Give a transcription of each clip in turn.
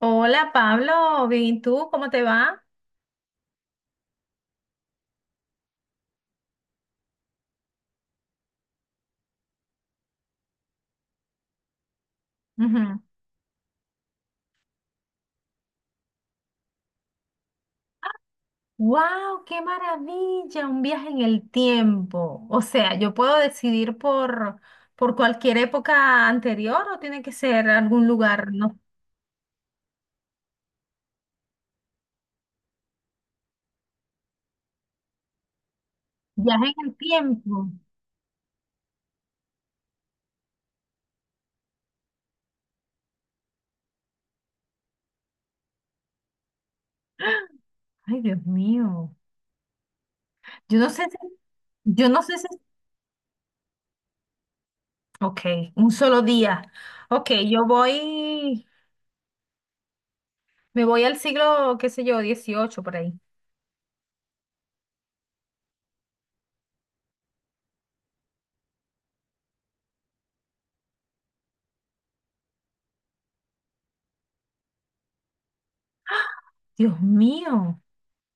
Hola Pablo, bien, ¿y tú? ¿Cómo te va? ¡Wow! ¡Qué maravilla! Un viaje en el tiempo. O sea, yo puedo decidir por cualquier época anterior o tiene que ser algún lugar, ¿no? Viaje en el tiempo. Ay, Dios mío. Yo no sé si, yo no sé si, ok, un solo día. Ok, me voy al siglo, qué sé yo, XVIII por ahí. Dios mío.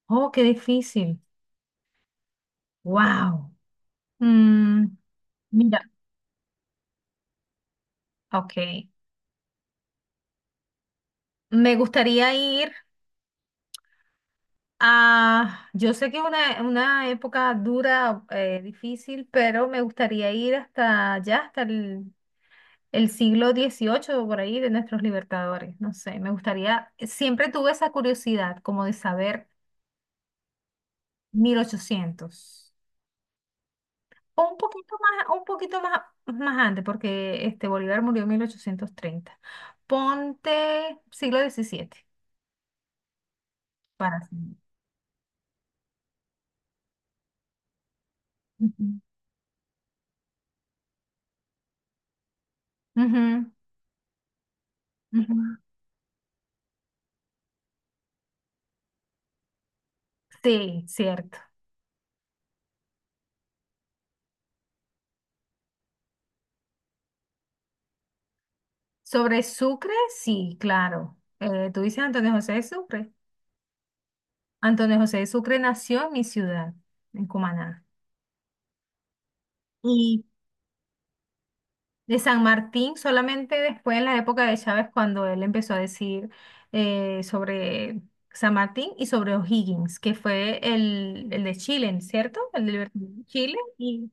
Oh, qué difícil. ¡Wow! Mira, ok. Me gustaría ir yo sé que es una época dura, difícil, pero me gustaría ir hasta allá, hasta el siglo XVIII por ahí, de nuestros libertadores. No sé, me gustaría, siempre tuve esa curiosidad como de saber 1800. O un poquito más, más antes, porque este Bolívar murió en 1830. Ponte siglo XVII para... Ujú, ujú, ujú. Sí, cierto. Sobre Sucre, sí, claro. Tú dices Antonio José de Sucre. Antonio José de Sucre nació en mi ciudad, en Cumaná. Y de San Martín, solamente después en la época de Chávez, cuando él empezó a decir sobre San Martín y sobre O'Higgins, que fue el de Chile, ¿cierto? Chile.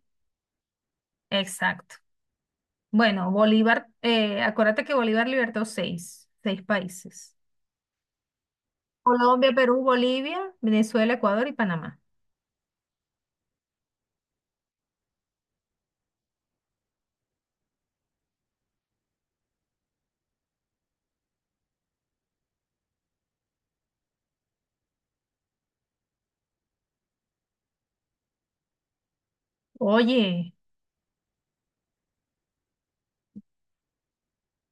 Exacto. Bueno, Bolívar, acuérdate que Bolívar libertó seis países. Colombia, Perú, Bolivia, Venezuela, Ecuador y Panamá. Oye,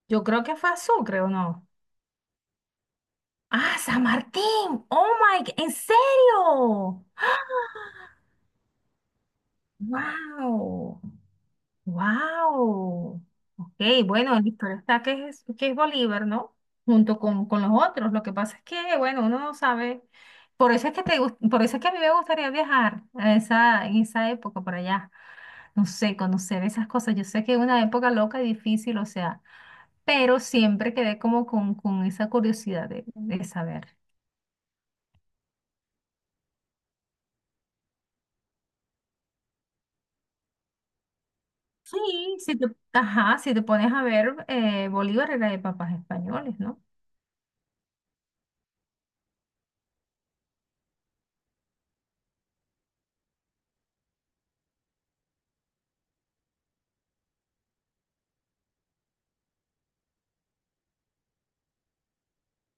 yo creo que fue a Sucre, ¿o no? Ah, San Martín. ¿En serio? Wow. Wow. Ok, bueno, el historial está que es Bolívar, ¿no? Junto con los otros. Lo que pasa es que, bueno, uno no sabe. Por eso es que a mí me gustaría viajar en esa época por allá. No sé, conocer esas cosas. Yo sé que es una época loca y difícil, o sea. Pero siempre quedé como con esa curiosidad de saber. Sí, si te, ajá, si te pones a ver, Bolívar era de papás españoles, ¿no?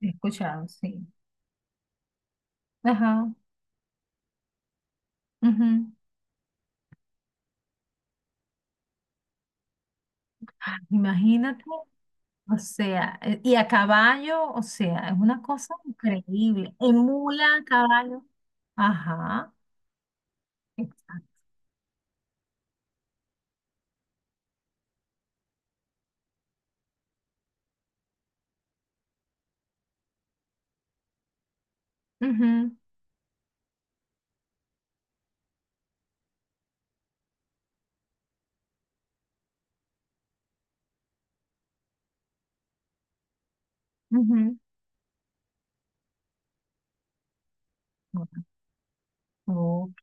He escuchado, sí. Ajá. Ujú. Ah, imagínate, o sea, y a caballo, o sea, es una cosa increíble. En mula, a caballo. Ajá, exacto. Ujú, ujú. Ok.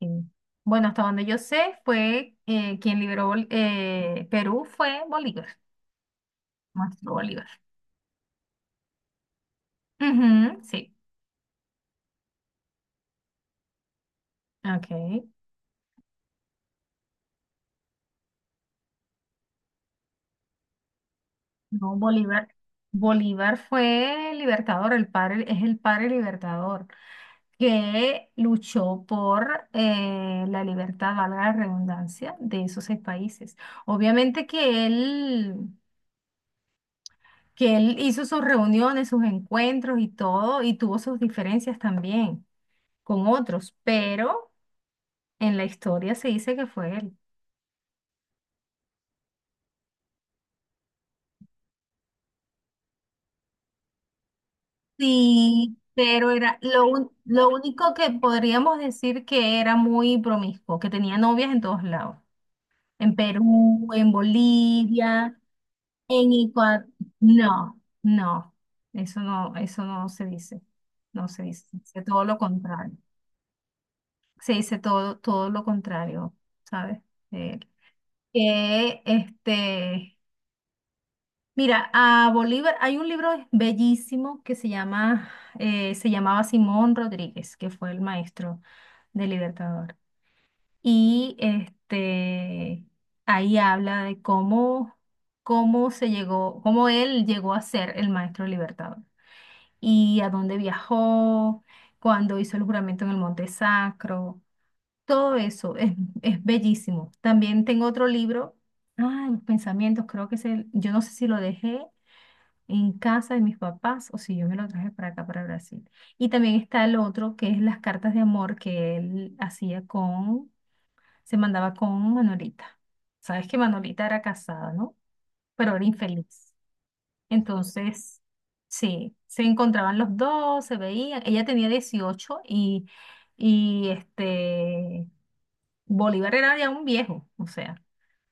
Bueno, hasta donde yo sé, fue quien liberó Perú fue Bolívar. Nuestro Bolívar. Ujú, sí. Ok. No, Bolívar. Bolívar fue libertador, el padre, es el padre libertador, que luchó por la libertad, valga la redundancia, de esos seis países. Obviamente que él hizo sus reuniones, sus encuentros y todo, y tuvo sus diferencias también con otros, pero en la historia se dice que fue él. Sí, pero era lo único que podríamos decir que era muy promiscuo, que tenía novias en todos lados, en Perú, en Bolivia, en Ecuador. No, no, eso no se dice, se dice todo lo contrario, se dice todo lo contrario, ¿sabes? Eh, que este Mira, a Bolívar hay un libro bellísimo que se llama, se llamaba Simón Rodríguez, que fue el maestro del Libertador. Y ahí habla de cómo se llegó, cómo él llegó a ser el maestro Libertador y a dónde viajó, cuando hizo el juramento en el Monte Sacro. Todo eso es bellísimo. También tengo otro libro, ah, Los Pensamientos, creo que es el, yo no sé si lo dejé en casa de mis papás o si yo me lo traje para acá, para Brasil. Y también está el otro, que es las cartas de amor que él se mandaba con Manolita. Sabes que Manolita era casada, ¿no? Pero era infeliz. Entonces, sí, se encontraban los dos, se veían. Ella tenía 18 y Bolívar era ya un viejo, o sea.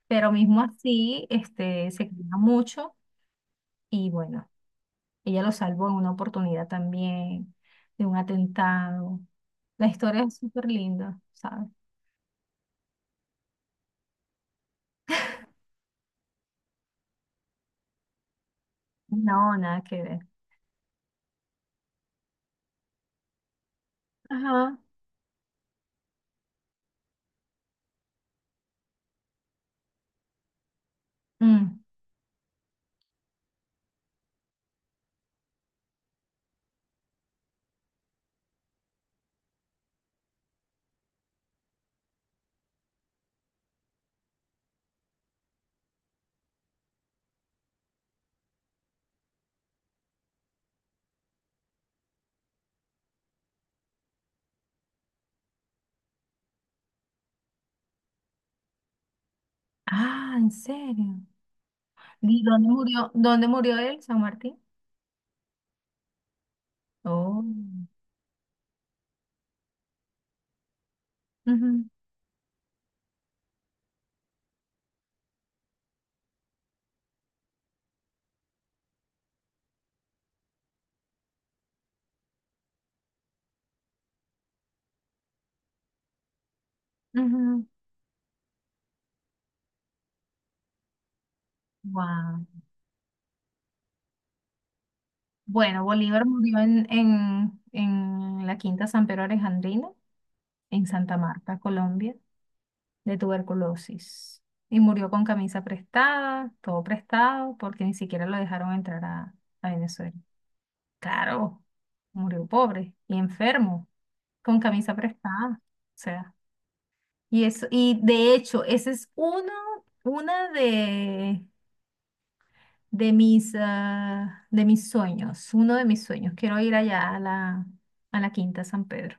Pero mismo así, se quería mucho y bueno. Ella lo salvó en una oportunidad también de un atentado. La historia es súper linda, ¿sabes? No, nada que ver. Ajá. Mm. Ah, ¿en serio? ¿Y dónde murió él, San Martín? Oh. Ujú, ujú. Wow. Bueno, Bolívar murió en la Quinta San Pedro Alejandrino, en Santa Marta, Colombia, de tuberculosis y murió con camisa prestada, todo prestado, porque ni siquiera lo dejaron entrar a Venezuela. Claro, murió pobre y enfermo, con camisa prestada. O sea, y eso, y de hecho, ese es uno, una de mis, ah, uno de mis sueños. Quiero ir allá a la Quinta San Pedro.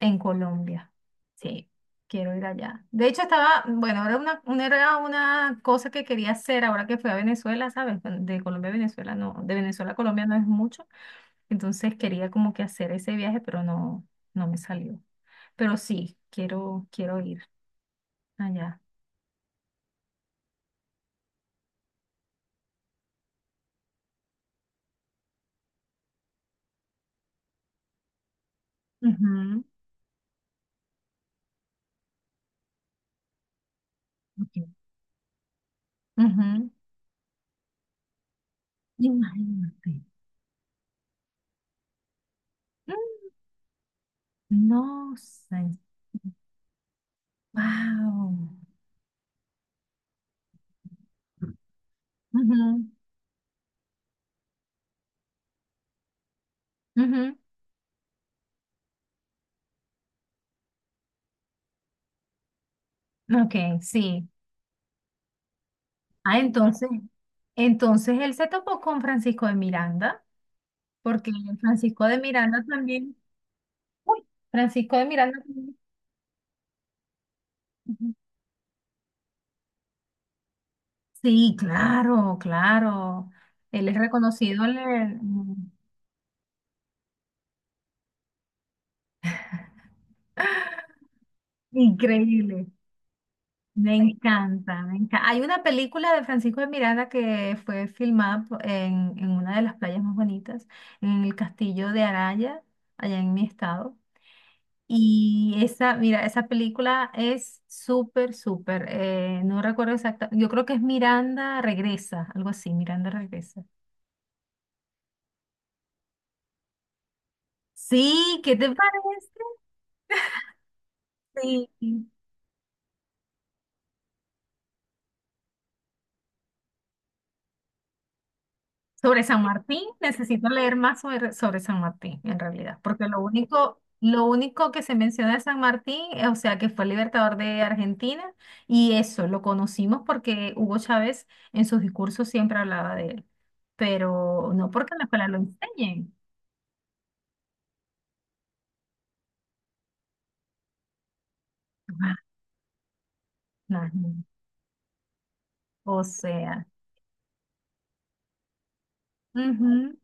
En Colombia, sí, quiero ir allá. De hecho, bueno, era era una cosa que quería hacer ahora que fui a Venezuela, ¿sabes? Bueno, de Colombia a Venezuela, no, de Venezuela a Colombia no es mucho. Entonces quería como que hacer ese viaje, pero no, no me salió. Pero sí, quiero ir allá. Ujú, ok. Ujú. Imagínate. Mm, no sé. Wow. Ujú, ujú. Ok, sí. Ah, entonces él se topó con Francisco de Miranda, porque Francisco de Miranda también, uy, Francisco de Miranda también. Ujú. Sí, claro, claro. Él es reconocido. Increíble. Me encanta, me encanta. Hay una película de Francisco de Miranda que fue filmada en una de las playas más bonitas, en el castillo de Araya, allá en mi estado. Y esa, mira, esa película es súper, súper, no recuerdo exacta, yo creo que es Miranda Regresa, algo así, Miranda Regresa. Sí, ¿qué te parece? Sí. Sobre San Martín, necesito leer más sobre San Martín, en realidad, porque lo único que se menciona de San Martín, o sea, que fue el libertador de Argentina, y eso, lo conocimos porque Hugo Chávez en sus discursos siempre hablaba de él, pero no porque en la escuela lo enseñen. Las nubes. O sea. Ujú.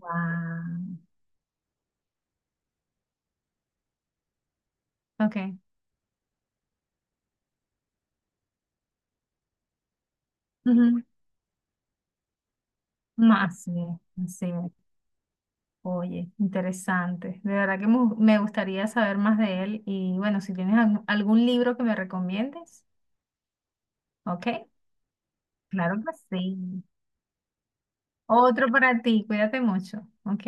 Guau. Ok. Ujú. No, así es, así es. Oye, interesante. De verdad que me gustaría saber más de él. Y bueno, si tienes algún libro que me recomiendes, ok. Claro que sí. Otro para ti. Cuídate mucho. Ok.